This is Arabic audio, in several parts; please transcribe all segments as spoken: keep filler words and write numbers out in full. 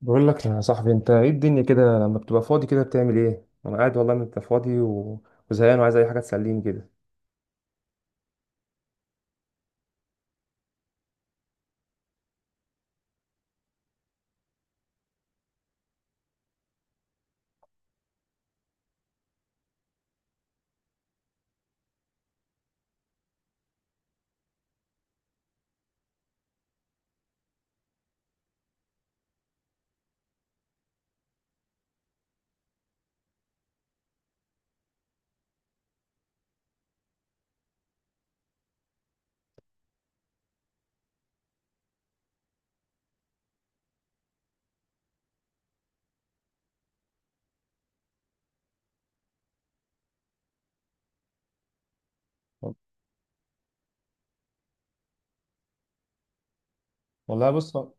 بقول لك يا صاحبي، انت ايه الدنيا كده لما بتبقى فاضي كده بتعمل ايه؟ انا قاعد والله ما ببقى فاضي و... وزهقان وعايز اي حاجه تسليني كده. والله بص، انا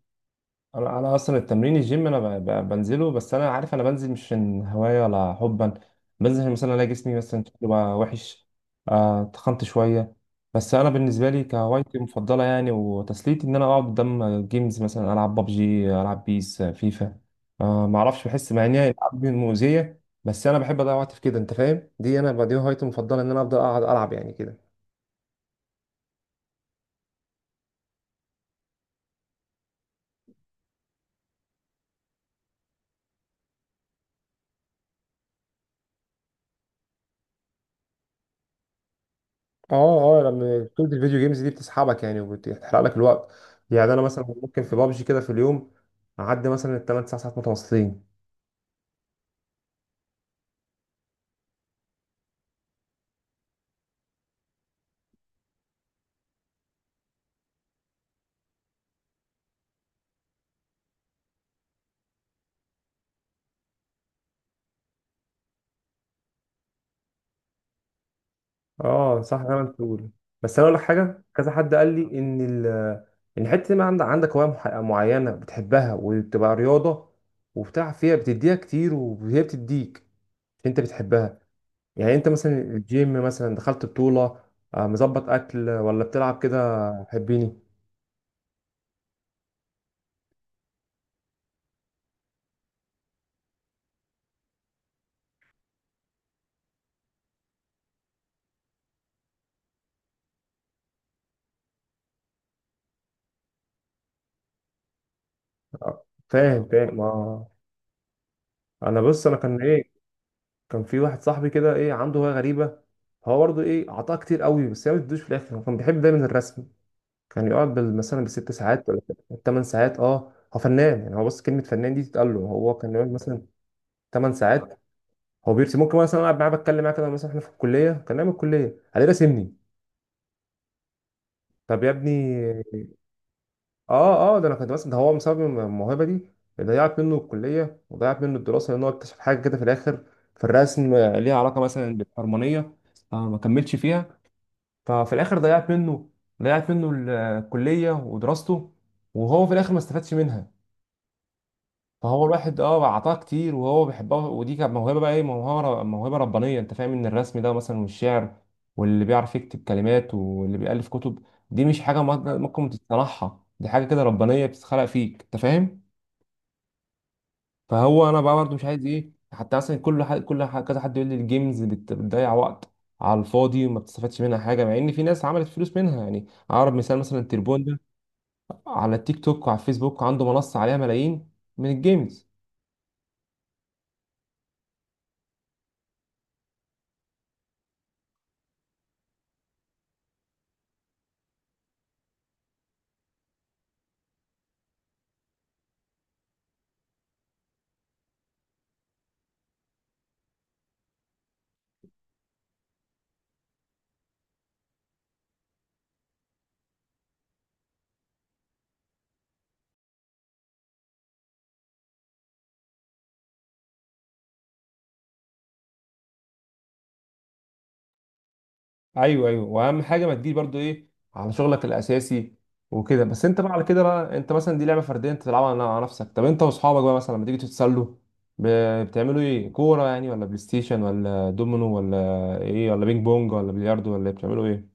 انا اصلا التمرين الجيم انا ب- ب- بنزله، بس انا عارف انا بنزل مش من هوايه ولا حبا. بنزل عشان مثلا الاقي جسمي مثلا شكله بقى وحش، آه، تخنت شويه. بس انا بالنسبه لي كهوايتي المفضله يعني وتسليتي ان انا اقعد قدام جيمز، مثلا العب ببجي، العب بيس، فيفا. آه، ما اعرفش، بحس مع ان هي العاب مؤذيه، بس انا بحب اضيع وقت في كده. انت فاهم؟ دي انا ب- دي هوايتي المفضله، ان انا افضل اقعد العب يعني كده. اه اه، لما بطولة الفيديو جيمز دي بتسحبك يعني وبتحرق لك الوقت. يعني انا مثلا ممكن في بابجي كده في اليوم اعدي مثلا الثمان تسع ساعات متواصلين. اه صح، زي ما انت بتقول. بس انا اقول لك حاجه، كذا حد قال لي ان ال ان حته ما عندك عندك هوايه مح- معينه بتحبها وتبقى رياضه وبتاع، فيها بتديها كتير وهي بتديك عشان انت بتحبها. يعني انت مثلا الجيم مثلا دخلت بطوله؟ آه، مظبط اكل ولا بتلعب كده؟ حبيني. آه، فاهم فاهم اه. انا بص، انا كان ايه كان في واحد صاحبي كده، ايه عنده هوايه غريبه. هو برضه ايه عطاها كتير قوي بس هي ما بتدوش في الاخر. هو كان بيحب دايما الرسم، كان يقعد بال- مثلا بالست ساعات ولا ثمان ساعات. اه، هو فنان يعني. هو بص، كلمه فنان دي تتقال له. هو كان يقعد مثلا ثمان ساعات هو بيرسم، ممكن مثلا أنا قاعد معاه بتكلم معاه كده، مثلا احنا في الكليه كان نايم الكليه عليه راسمني. طب يا ابني. اه اه، ده انا كنت مثلا، ده هو بسبب الموهبه دي ضيعت منه الكليه وضيعت منه الدراسه لان هو اكتشف حاجه كده في الاخر، في الرسم آه، ليها علاقه مثلا بالحرمانيه. آه، ما كملش فيها. ففي الاخر ضيعت منه، ضيعت منه ال- الكليه ودراسته، وهو في الاخر ما استفادش منها. فهو الواحد اه اعطاه كتير وهو بيحبها، ودي كانت موهبه بقى، ايه، موهبه، موهبه ربانيه. انت فاهم ان الرسم ده مثلا والشعر واللي بيعرف يكتب كلمات واللي بيألف كتب دي مش حاجه ممكن ممكن تصنعها، دي حاجه كده ربانيه بتتخلق فيك، انت فاهم. فهو انا بقى برضه مش عايز ايه، حتى مثلا كل حد، كل ح- كذا حد يقول لي الجيمز بت- بتضيع وقت على الفاضي وما بتستفادش منها حاجه، مع ان في ناس عملت فلوس منها يعني. اقرب مثال مثلا التربون ده على التيك توك وعلى الفيسبوك، عنده منصه عليها ملايين من الجيمز. ايوه ايوه، واهم حاجه ما تجيش برضو ايه على شغلك الاساسي وكده. بس انت بقى، على كده بقى انت مثلا دي لعبه فرديه انت تلعبها على نفسك. طب انت واصحابك بقى مثلا لما تيجي تتسلوا ب- بتعملوا ايه؟ كوره يعني؟ ولا بلاي ستيشن؟ ولا دومينو؟ ولا ايه؟ ولا بينج بونج؟ ولا بلياردو؟ ولا إيه؟ بتعملوا ايه؟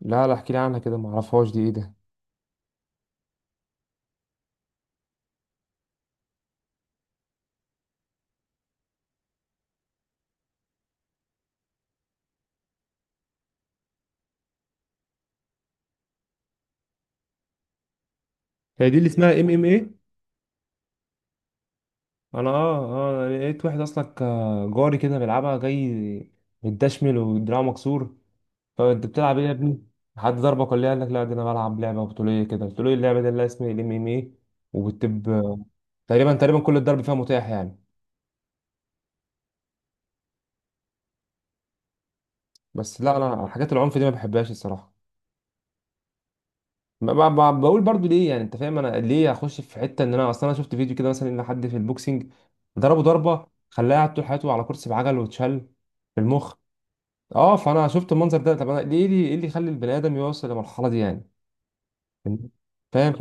لا لا، احكي لي عنها كده، ما اعرفهاش، دي ايه ده؟ هي دي اللي اسمها ام ام ايه؟ انا اه اه أنا لقيت واحد اصلا ك- جاري كده بيلعبها، جاي متدشمل ودراعه مكسور. طب انت بتلعب ايه يا ابني؟ حد ضربك ولا ايه؟ قال لك لا، ده انا بلعب لعبه بطوليه كده. قلت له ايه اللعبه دي اللي اسمها الام ام اي؟ وبتب، تقريبا تقريبا كل الضرب فيها متاح يعني. بس لا، انا حاجات العنف دي ما بحبهاش الصراحه. ما ب- ب- بقول برضو ليه يعني، انت فاهم انا ليه اخش في حته، ان انا اصلا انا شفت فيديو كده مثلا ان حد في البوكسنج ضربه ضربه خلاه قاعد طول حياته على كرسي بعجل واتشل في المخ. اه، فانا شفت المنظر ده، طب انا ليه، ليه- ايه اللي يخلي البني ادم يوصل للمرحله دي يعني، فاهم.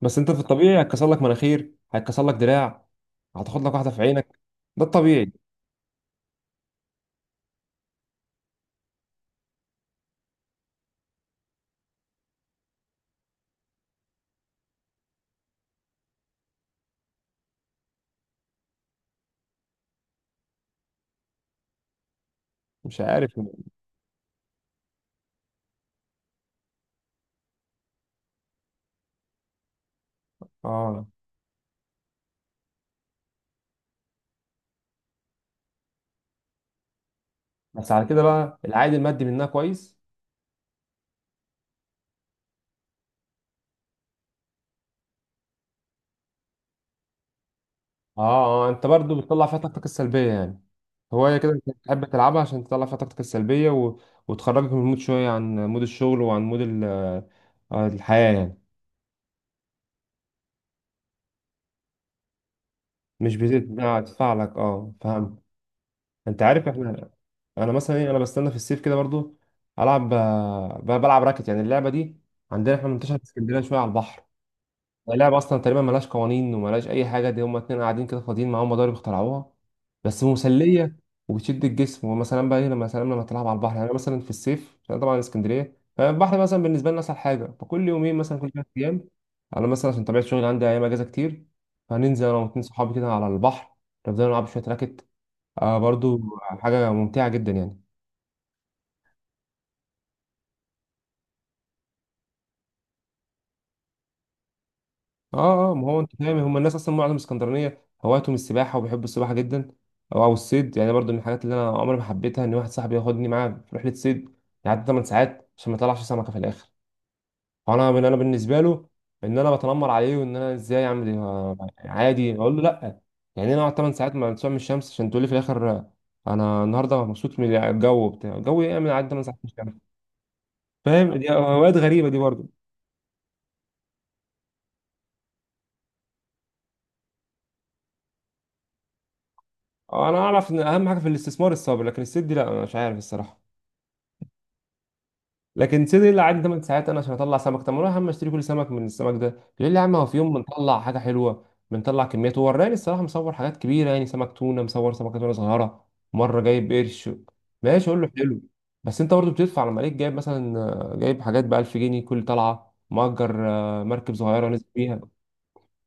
بس انت في الطبيعي هيتكسر لك مناخير، هيتكسر لك دراع، هتاخد لك واحده في عينك، ده الطبيعي. مش عارف ليه. اه، بس على كده بقى العائد المادي منها كويس؟ اه اه، انت برضو بتطلع فيها طاقتك السلبيه يعني. هوايه كده انت بتحب تلعبها عشان تطلع فيها طاقتك السلبيه و... وتخرجك من المود شويه، عن مود الشغل وعن مود ال... آه، الحياه يعني. مش بتدفع لك؟ اه، فاهم. انت عارف احنا. انا مثلا ايه، انا بستنى في الصيف كده برضو العب، آه، ب- بلعب راكت يعني، اللعبه دي عندنا احنا منتشره في اسكندريه شويه على البحر. يعني اللعبه اصلا تقريبا ملهاش قوانين وملهاش اي حاجه، دي هما اتنين قاعدين كده فاضيين معاهم مضارب اخترعوها بس مسليه وبتشد الجسم. ومثلا بقى ايه، لما سلام، لما تلعب على البحر يعني، أنا مثلا في الصيف عشان طبعا اسكندريه فالبحر مثلا بالنسبه لنا اسهل حاجه، فكل يومين مثلا كل ثلاث ايام، انا مثلا عشان طبيعه شغلي عندي ايام اجازه كتير، فننزل انا واتنين صحابي كده على البحر، نفضل نلعب شويه راكت. آه برضو حاجه ممتعه جدا يعني. اه اه، ما هو انت فاهم، هم الناس اصلا معظم اسكندرانيه هوايتهم السباحه وبيحبوا السباحه جدا. او او الصيد يعني، برضو من الحاجات اللي انا عمري ما حبيتها ان واحد صاحبي ياخدني معاه في رحله صيد يعدي 8 ساعات عشان ما يطلعش سمكه في الاخر. فانا من انا بالنسبه له ان انا بتنمر عليه وان انا ازاي اعمل إيه، آه، عادي اقول له لا. يعني انا اقعد 8 ساعات ما من الشمس عشان تقول لي في الاخر آه، انا النهارده مبسوط من الجو، بتاع الجو ايه من عدى 8 ساعات في الشمس. فاهم؟ دي هوايات غريبه دي برضو. انا اعرف ان اهم حاجه في الاستثمار الصبر، لكن الصيد دي لا، انا مش عارف الصراحه. لكن سيدي اللي قعدني 8 ساعات انا عشان اطلع سمك، طب ما أنا يا عم اشتري كل سمك من السمك ده. يقول لي يا عم هو في يوم بنطلع حاجه حلوه، بنطلع كميات، وراني الصراحه مصور حاجات كبيره، يعني سمك تونه، مصور سمكه تونه صغيره، مره جايب قرش. ماشي، اقول له حلو. بس انت برضه بتدفع، لما ليك جايب مثلا آه، جايب حاجات ب ألف جنيه كل طلعه، مأجر آه، مركب صغيره نازل بيها،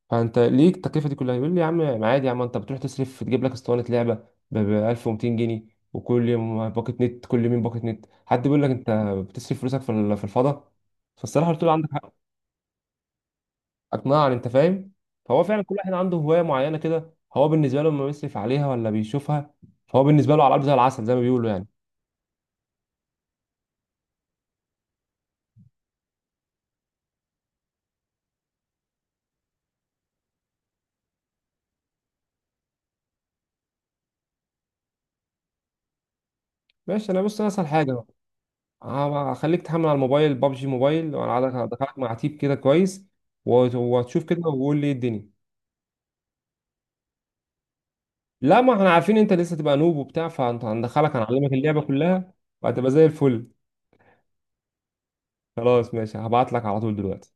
فانت ليه التكلفه دي كلها؟ يقول لي يا عم عادي، يا عم انت بتروح تصرف تجيب لك اسطوانه لعبه ب ب ألف ومئتين جنيه، وكل يوم باكت نت، كل يومين باكت نت، حد بيقول لك انت بتصرف فلوسك في ال- في الفضاء. فالصراحه قلت له عندك حق. اقنعني، انت فاهم. فهو فعلا كل واحد عنده هوايه معينه كده، هو بالنسبه له لما بيصرف عليها ولا بيشوفها، فهو بالنسبه له على الارض زي العسل، زي ما بيقولوا يعني. ماشي، انا بص، انا اسهل حاجه هخليك تحمل على الموبايل بابجي موبايل وانا هدخلك مع تيب كده كويس وت- وتشوف كده وقول لي ايه الدنيا. لا ما احنا عارفين انت لسه تبقى نوب وبتاع، فانت هندخلك هنعلمك اللعبه كلها وهتبقى زي الفل. خلاص ماشي، هبعت لك على طول دلوقتي.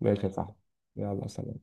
ماشي يا صاحبي، يلا سلام.